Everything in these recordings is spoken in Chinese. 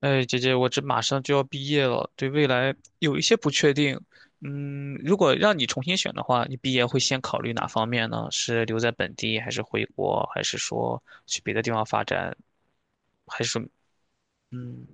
哎，姐姐，我这马上就要毕业了，对未来有一些不确定。嗯，如果让你重新选的话，你毕业会先考虑哪方面呢？是留在本地，还是回国，还是说去别的地方发展，还是说，嗯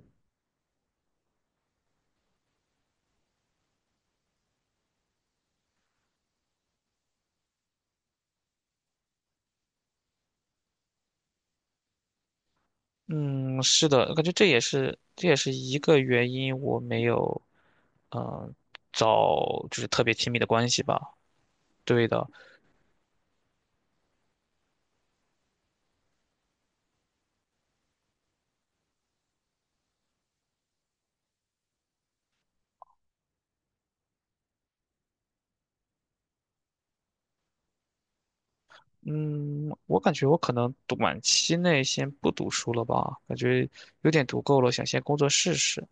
嗯，是的，我感觉这也是一个原因，我没有，嗯、找就是特别亲密的关系吧。对的，嗯，我感觉我可能短期内先不读书了吧，感觉有点读够了，想先工作试试。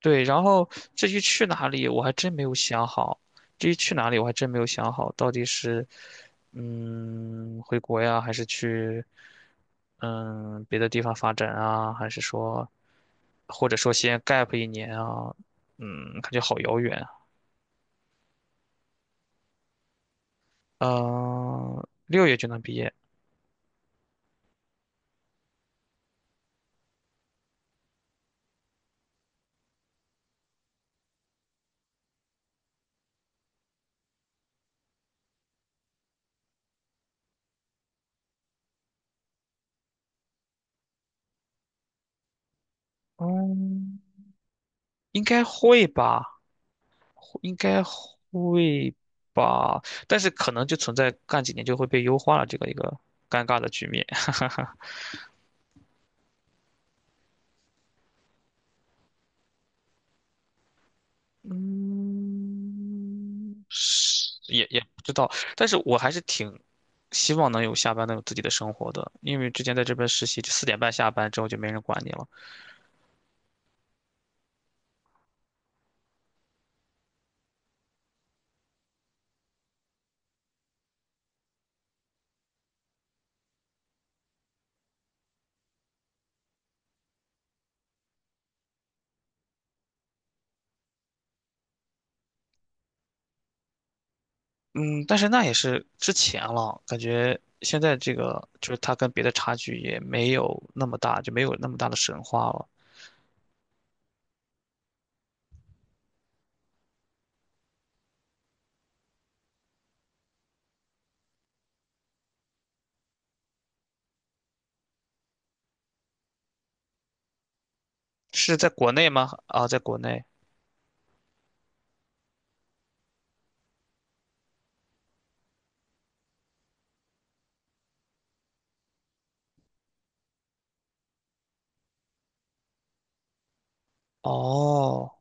对，然后至于去哪里，我还真没有想好。至于去哪里，我还真没有想好，到底是回国呀，还是去别的地方发展啊，还是说或者说先 gap 一年啊？感觉好遥远啊。嗯、六月就能毕业，嗯，应该会吧。应该会吧，但是可能就存在干几年就会被优化了这个一个尴尬的局面。嗯，是也不知道，但是我还是挺希望能有下班能有自己的生活的，因为之前在这边实习，就四点半下班之后就没人管你了。嗯，但是那也是之前了，感觉现在这个就是它跟别的差距也没有那么大，就没有那么大的神话了。是在国内吗？啊，在国内。哦，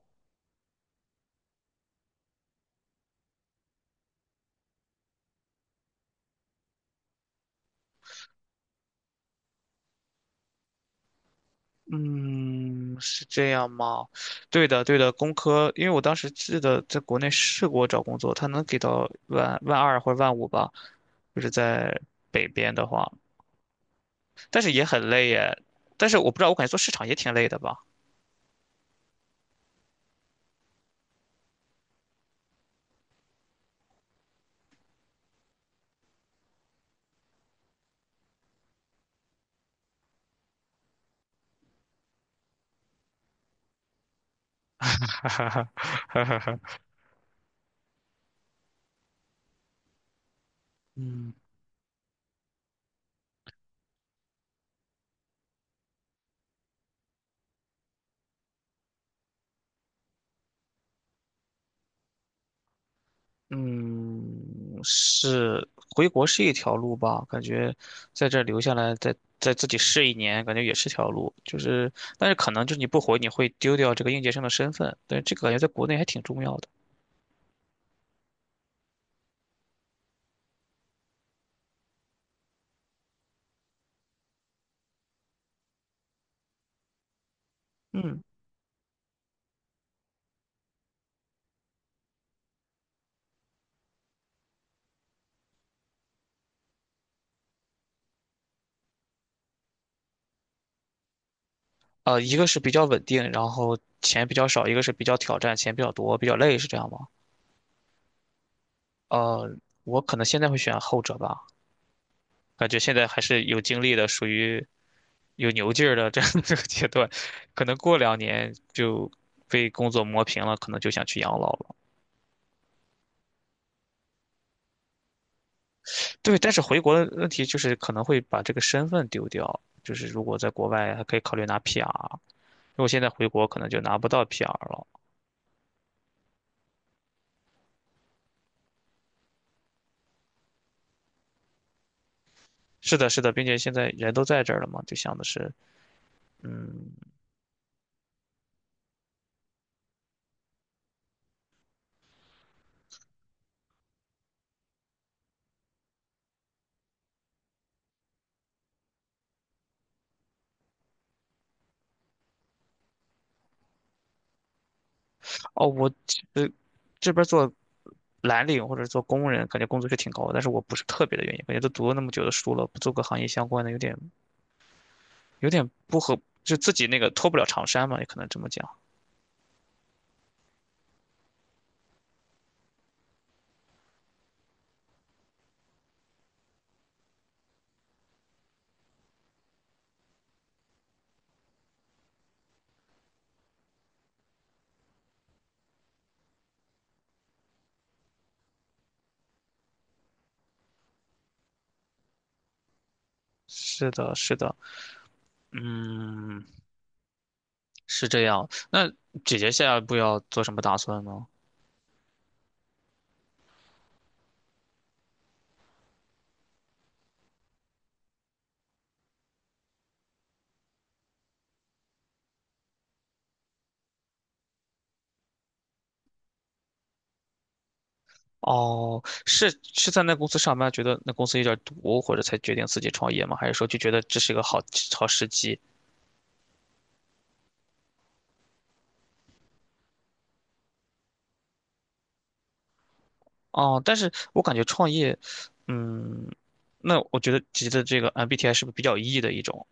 嗯，是这样吗？对的，对的，工科，因为我当时记得在国内试过找工作，他能给到万二或者万五吧，就是在北边的话，但是也很累耶。但是我不知道，我感觉做市场也挺累的吧。嗯。嗯，是回国是一条路吧？感觉在这儿留下来，再自己试一年，感觉也是条路。就是，但是可能就是你不回，你会丢掉这个应届生的身份。但是这个感觉在国内还挺重要的。嗯一个是比较稳定，然后钱比较少；一个是比较挑战，钱比较多，比较累，是这样吗？呃，我可能现在会选后者吧，感觉现在还是有精力的，属于有牛劲儿的这样 这个阶段，可能过两年就被工作磨平了，可能就想去养老了。对，但是回国的问题就是可能会把这个身份丢掉，就是如果在国外还可以考虑拿 PR，如果现在回国可能就拿不到 PR 了。是的，是的，并且现在人都在这儿了嘛，就想的是，嗯，哦，我呃这边做蓝领或者做工人，感觉工资是挺高的，但是我不是特别的愿意，感觉都读了那么久的书了，不做个行业相关的有点不合，就自己那个脱不了长衫嘛，也可能这么讲。是的，是的，嗯，是这样。那姐姐下一步要做什么打算呢？哦，是在那公司上班，觉得那公司有点毒，或者才决定自己创业吗？还是说就觉得这是一个好时机？哦，但是我感觉创业，嗯，那我觉得姐姐的这个 MBTI 是不是比较 E 的一种？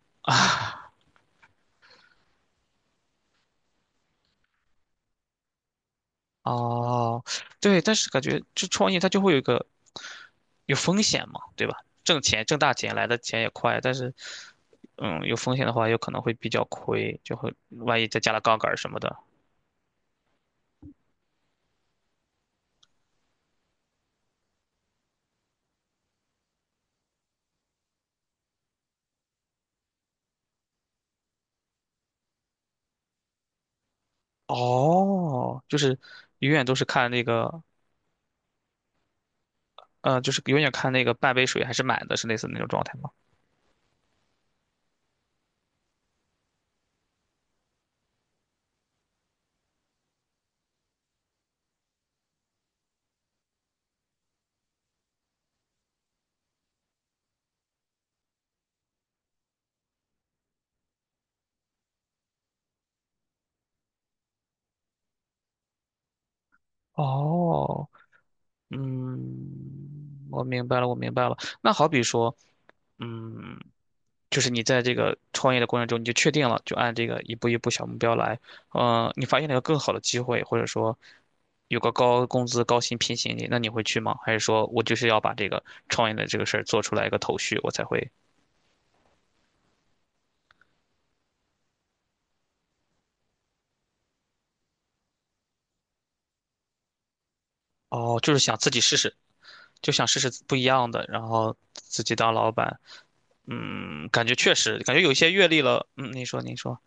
哦，对，但是感觉这创业它就会有一个有风险嘛，对吧？挣钱挣大钱来的钱也快，但是有风险的话有可能会比较亏，就会万一再加了杠杆儿什么的。哦，就是永远都是看那个，就是永远看那个半杯水还是满的，是类似那种状态吗？哦，我明白了，我明白了。那好比说，嗯，就是你在这个创业的过程中，你就确定了，就按这个一步一步小目标来。你发现了一个更好的机会，或者说有个高工资、高薪聘请你，那你会去吗？还是说我就是要把这个创业的这个事儿做出来一个头绪，我才会？哦，就是想自己试试，就想试试不一样的，然后自己当老板。感觉确实，感觉有一些阅历了。嗯，您说，您说。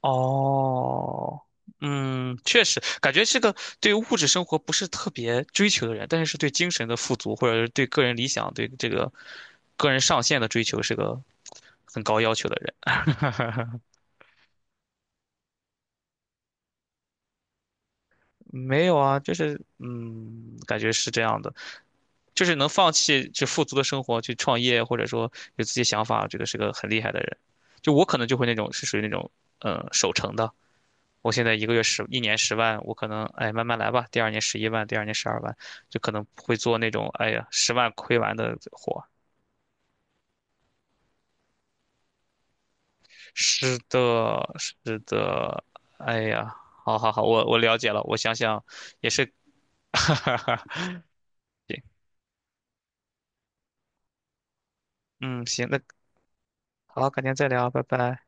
哦，确实，感觉是个对物质生活不是特别追求的人，但是是对精神的富足，或者是对个人理想、对这个个人上限的追求，是个很高要求的人。没有啊，就是感觉是这样的，就是能放弃就富足的生活去创业，或者说有自己想法，这个是个很厉害的人。就我可能就会那种是属于那种守成的。我现在一年十万，我可能哎慢慢来吧，第二年11万，第二年12万，就可能会做那种哎呀十万亏完的活。是的，是的，哎呀，好好好，我了解了，我想想也是，嗯，行，那好，改天再聊，拜拜。